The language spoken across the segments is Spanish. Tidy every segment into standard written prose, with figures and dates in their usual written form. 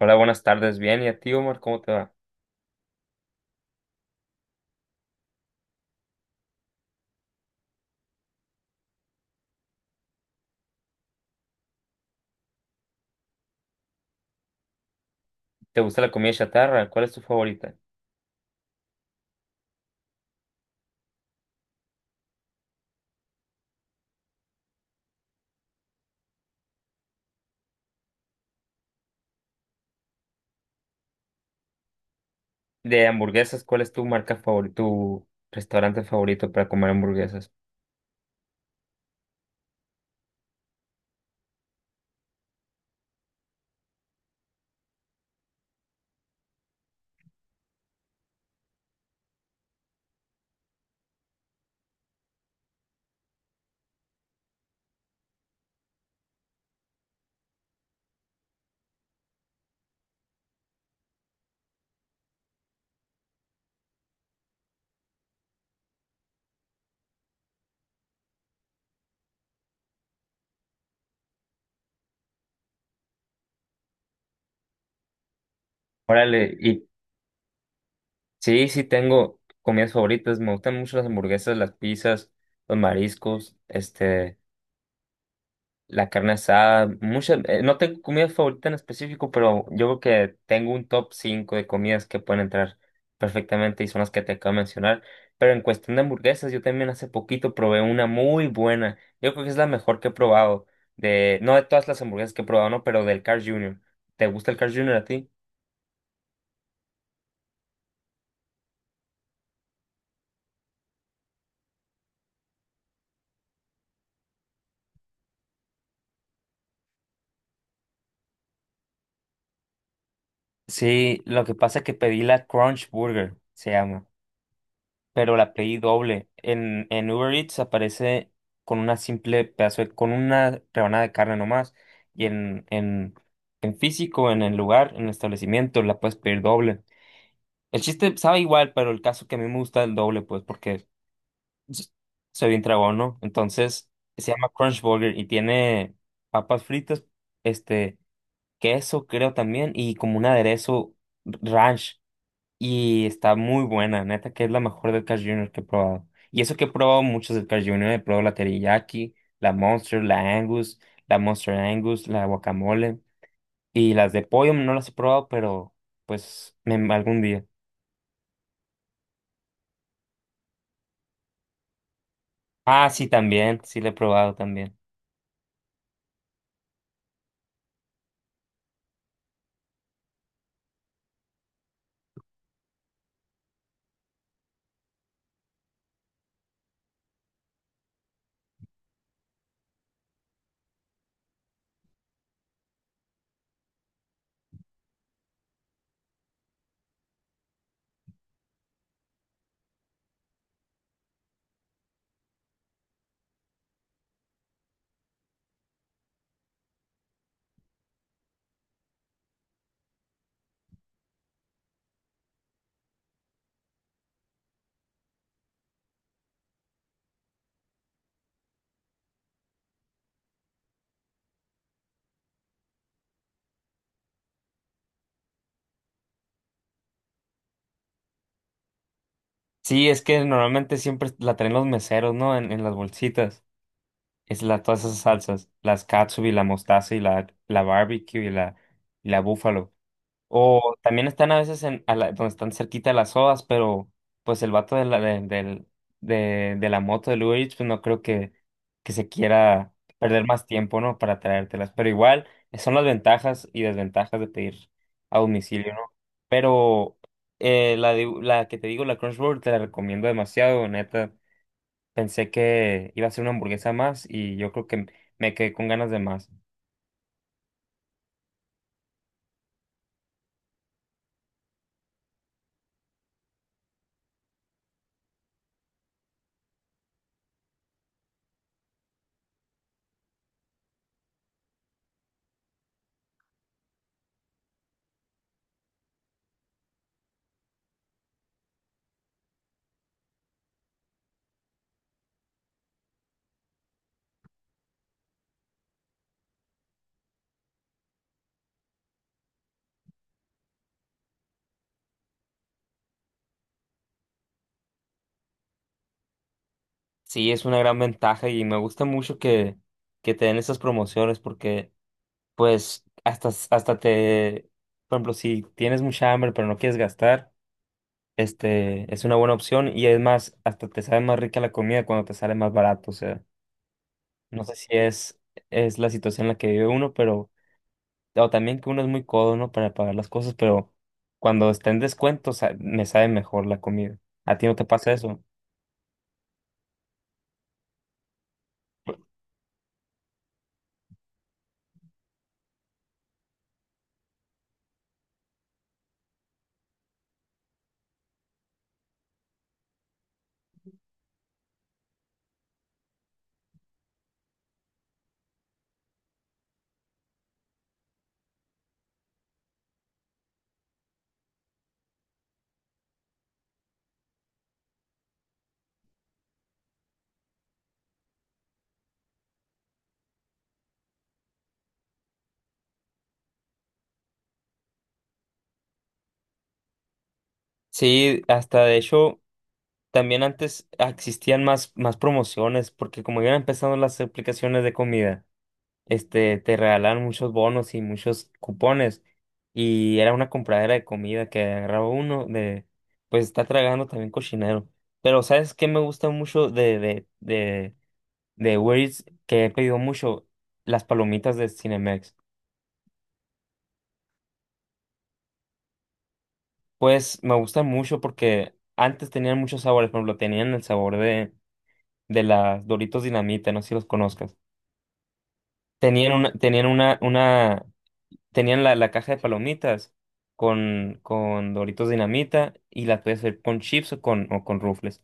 Hola, buenas tardes. Bien, ¿y a ti, Omar? ¿Cómo te va? ¿Te gusta la comida chatarra? ¿Cuál es tu favorita? De hamburguesas, ¿cuál es tu marca favorita, tu restaurante favorito para comer hamburguesas? Órale, y sí, sí tengo comidas favoritas. Me gustan mucho las hamburguesas, las pizzas, los mariscos, la carne asada, muchas, no tengo comida favorita en específico, pero yo creo que tengo un top 5 de comidas que pueden entrar perfectamente y son las que te acabo de mencionar. Pero en cuestión de hamburguesas, yo también hace poquito probé una muy buena. Yo creo que es la mejor que he probado, no de todas las hamburguesas que he probado, no, pero del Carl Jr. ¿Te gusta el Carl Jr. a ti? Sí, lo que pasa es que pedí la Crunch Burger, se llama, pero la pedí doble. En Uber Eats aparece con una con una rebanada de carne nomás. Y en físico, en el lugar, en el establecimiento, la puedes pedir doble. El chiste sabe igual, pero el caso que a mí me gusta el doble, pues, porque s- soy bien tragón, ¿no? Entonces, se llama Crunch Burger y tiene papas fritas, este, queso, creo también, y como un aderezo ranch. Y está muy buena, neta, que es la mejor del Carl Jr. que he probado. Y eso que he probado muchos del Carl Jr. He probado la teriyaki, la Monster, la Angus, la Monster Angus, la guacamole. Y las de pollo no las he probado, pero pues algún día. Ah, sí, también, sí la he probado también. Sí, es que normalmente siempre la traen los meseros, ¿no? En las bolsitas. Es la, todas esas salsas, las katsubi, la mostaza y la barbecue y y la búfalo. O también están a veces donde están cerquita de las sodas, pero pues el vato de la moto de Uber Eats, pues no creo que se quiera perder más tiempo, ¿no? Para traértelas. Pero igual, son las ventajas y desventajas de pedir a domicilio, ¿no? Pero la que te digo, la Crunchyroll, te la recomiendo demasiado, neta. Pensé que iba a ser una hamburguesa más y yo creo que me quedé con ganas de más. Sí, es una gran ventaja y me gusta mucho que te den esas promociones porque, pues, hasta por ejemplo, si tienes mucha hambre pero no quieres gastar, es una buena opción y es más, hasta te sabe más rica la comida cuando te sale más barato. O sea, no sé si es la situación en la que vive uno, pero, o también que uno es muy codo, ¿no? Para pagar las cosas, pero cuando está en descuento, me sabe mejor la comida. ¿A ti no te pasa eso? Sí, hasta de hecho. También antes existían más promociones, porque como iban empezando las aplicaciones de comida, te regalaban muchos bonos y muchos cupones. Y era una compradera de comida que agarraba uno pues está tragando también cochinero. Pero ¿sabes qué me gusta mucho de Uber Eats, que he pedido mucho? Las palomitas de Cinemex. Pues me gustan mucho porque antes tenían muchos sabores, por ejemplo, tenían el sabor de las Doritos Dinamita, no sé si los conozcas. Tenían una, tenían una, una, tenían la caja de palomitas con Doritos Dinamita y la podías hacer con chips o con Ruffles.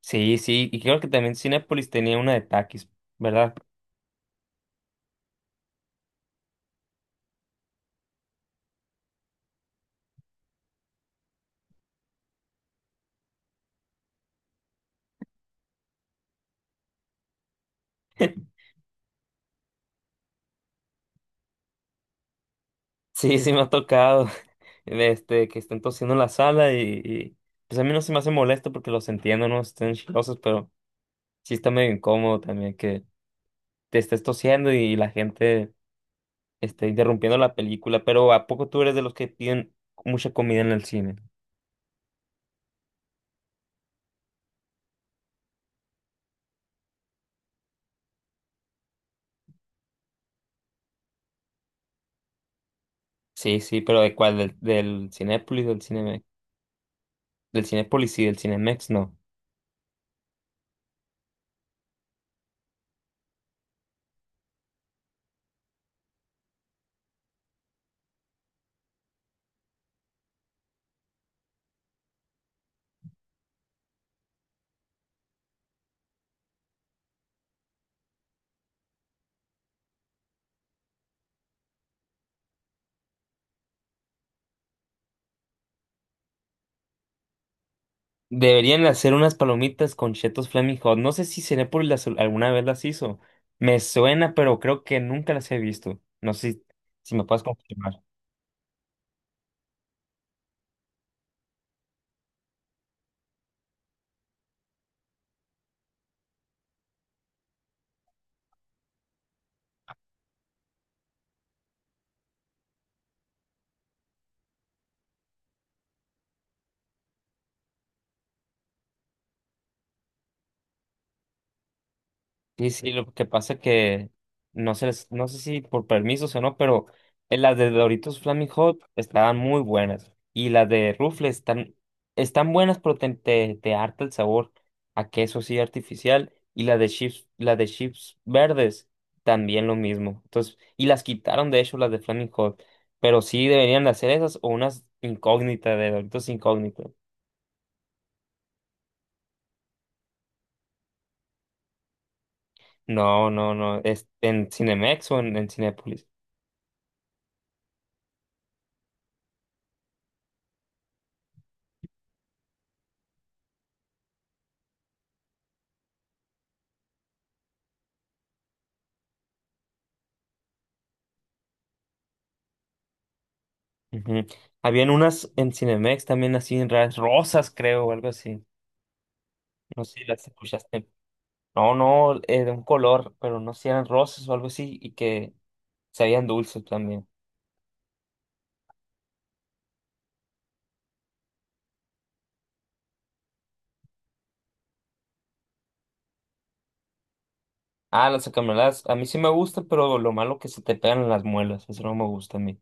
Sí, sí, y creo que también Cinépolis tenía una de Takis, ¿verdad? Sí, sí me ha tocado, que estén tosiendo en la sala y, pues a mí no se me hace molesto porque los entiendo, no estén chilosos, pero sí está medio incómodo también que te estés tosiendo y, la gente esté interrumpiendo la película, pero ¿a poco tú eres de los que piden mucha comida en el cine? Sí, sí, pero ¿de cuál? ¿Del Cinépolis, del Cinemex? Del Cinépolis y del Cinemex, no. Deberían hacer unas palomitas con Cheetos Flaming Hot. No sé si Cinépolis alguna vez las hizo. Me suena, pero creo que nunca las he visto. No sé si me puedes confirmar. Y sí, lo que pasa que no sé si por permisos o no, pero las de Doritos Flaming Hot estaban muy buenas. Y las de Ruffles están buenas, pero te harta el sabor a queso sí artificial. Y las de chips verdes también lo mismo. Entonces, y las quitaron de hecho las de Flaming Hot. Pero sí deberían de hacer esas o unas incógnitas de Doritos incógnitas. No, no, no. Es en Cinemex o en Cinépolis. Ujú. Habían unas en Cinemex también así en raras, rosas creo o algo así. No sé si las escuchaste. No, no, de un color, pero no sé si eran rosas o algo así y que sabían dulces también. Ah, las acameladas, a mí sí me gustan, pero lo malo que se te pegan en las muelas, eso no me gusta a mí.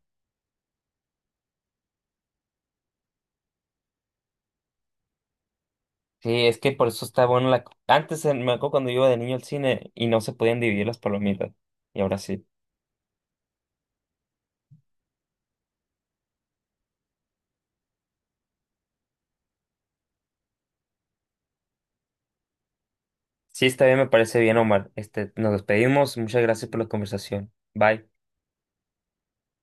Sí, es que por eso está bueno la. Antes, me acuerdo cuando yo iba de niño al cine y no se podían dividir las palomitas. Y ahora sí. Sí, está bien, me parece bien, Omar. Nos despedimos. Muchas gracias por la conversación. Bye.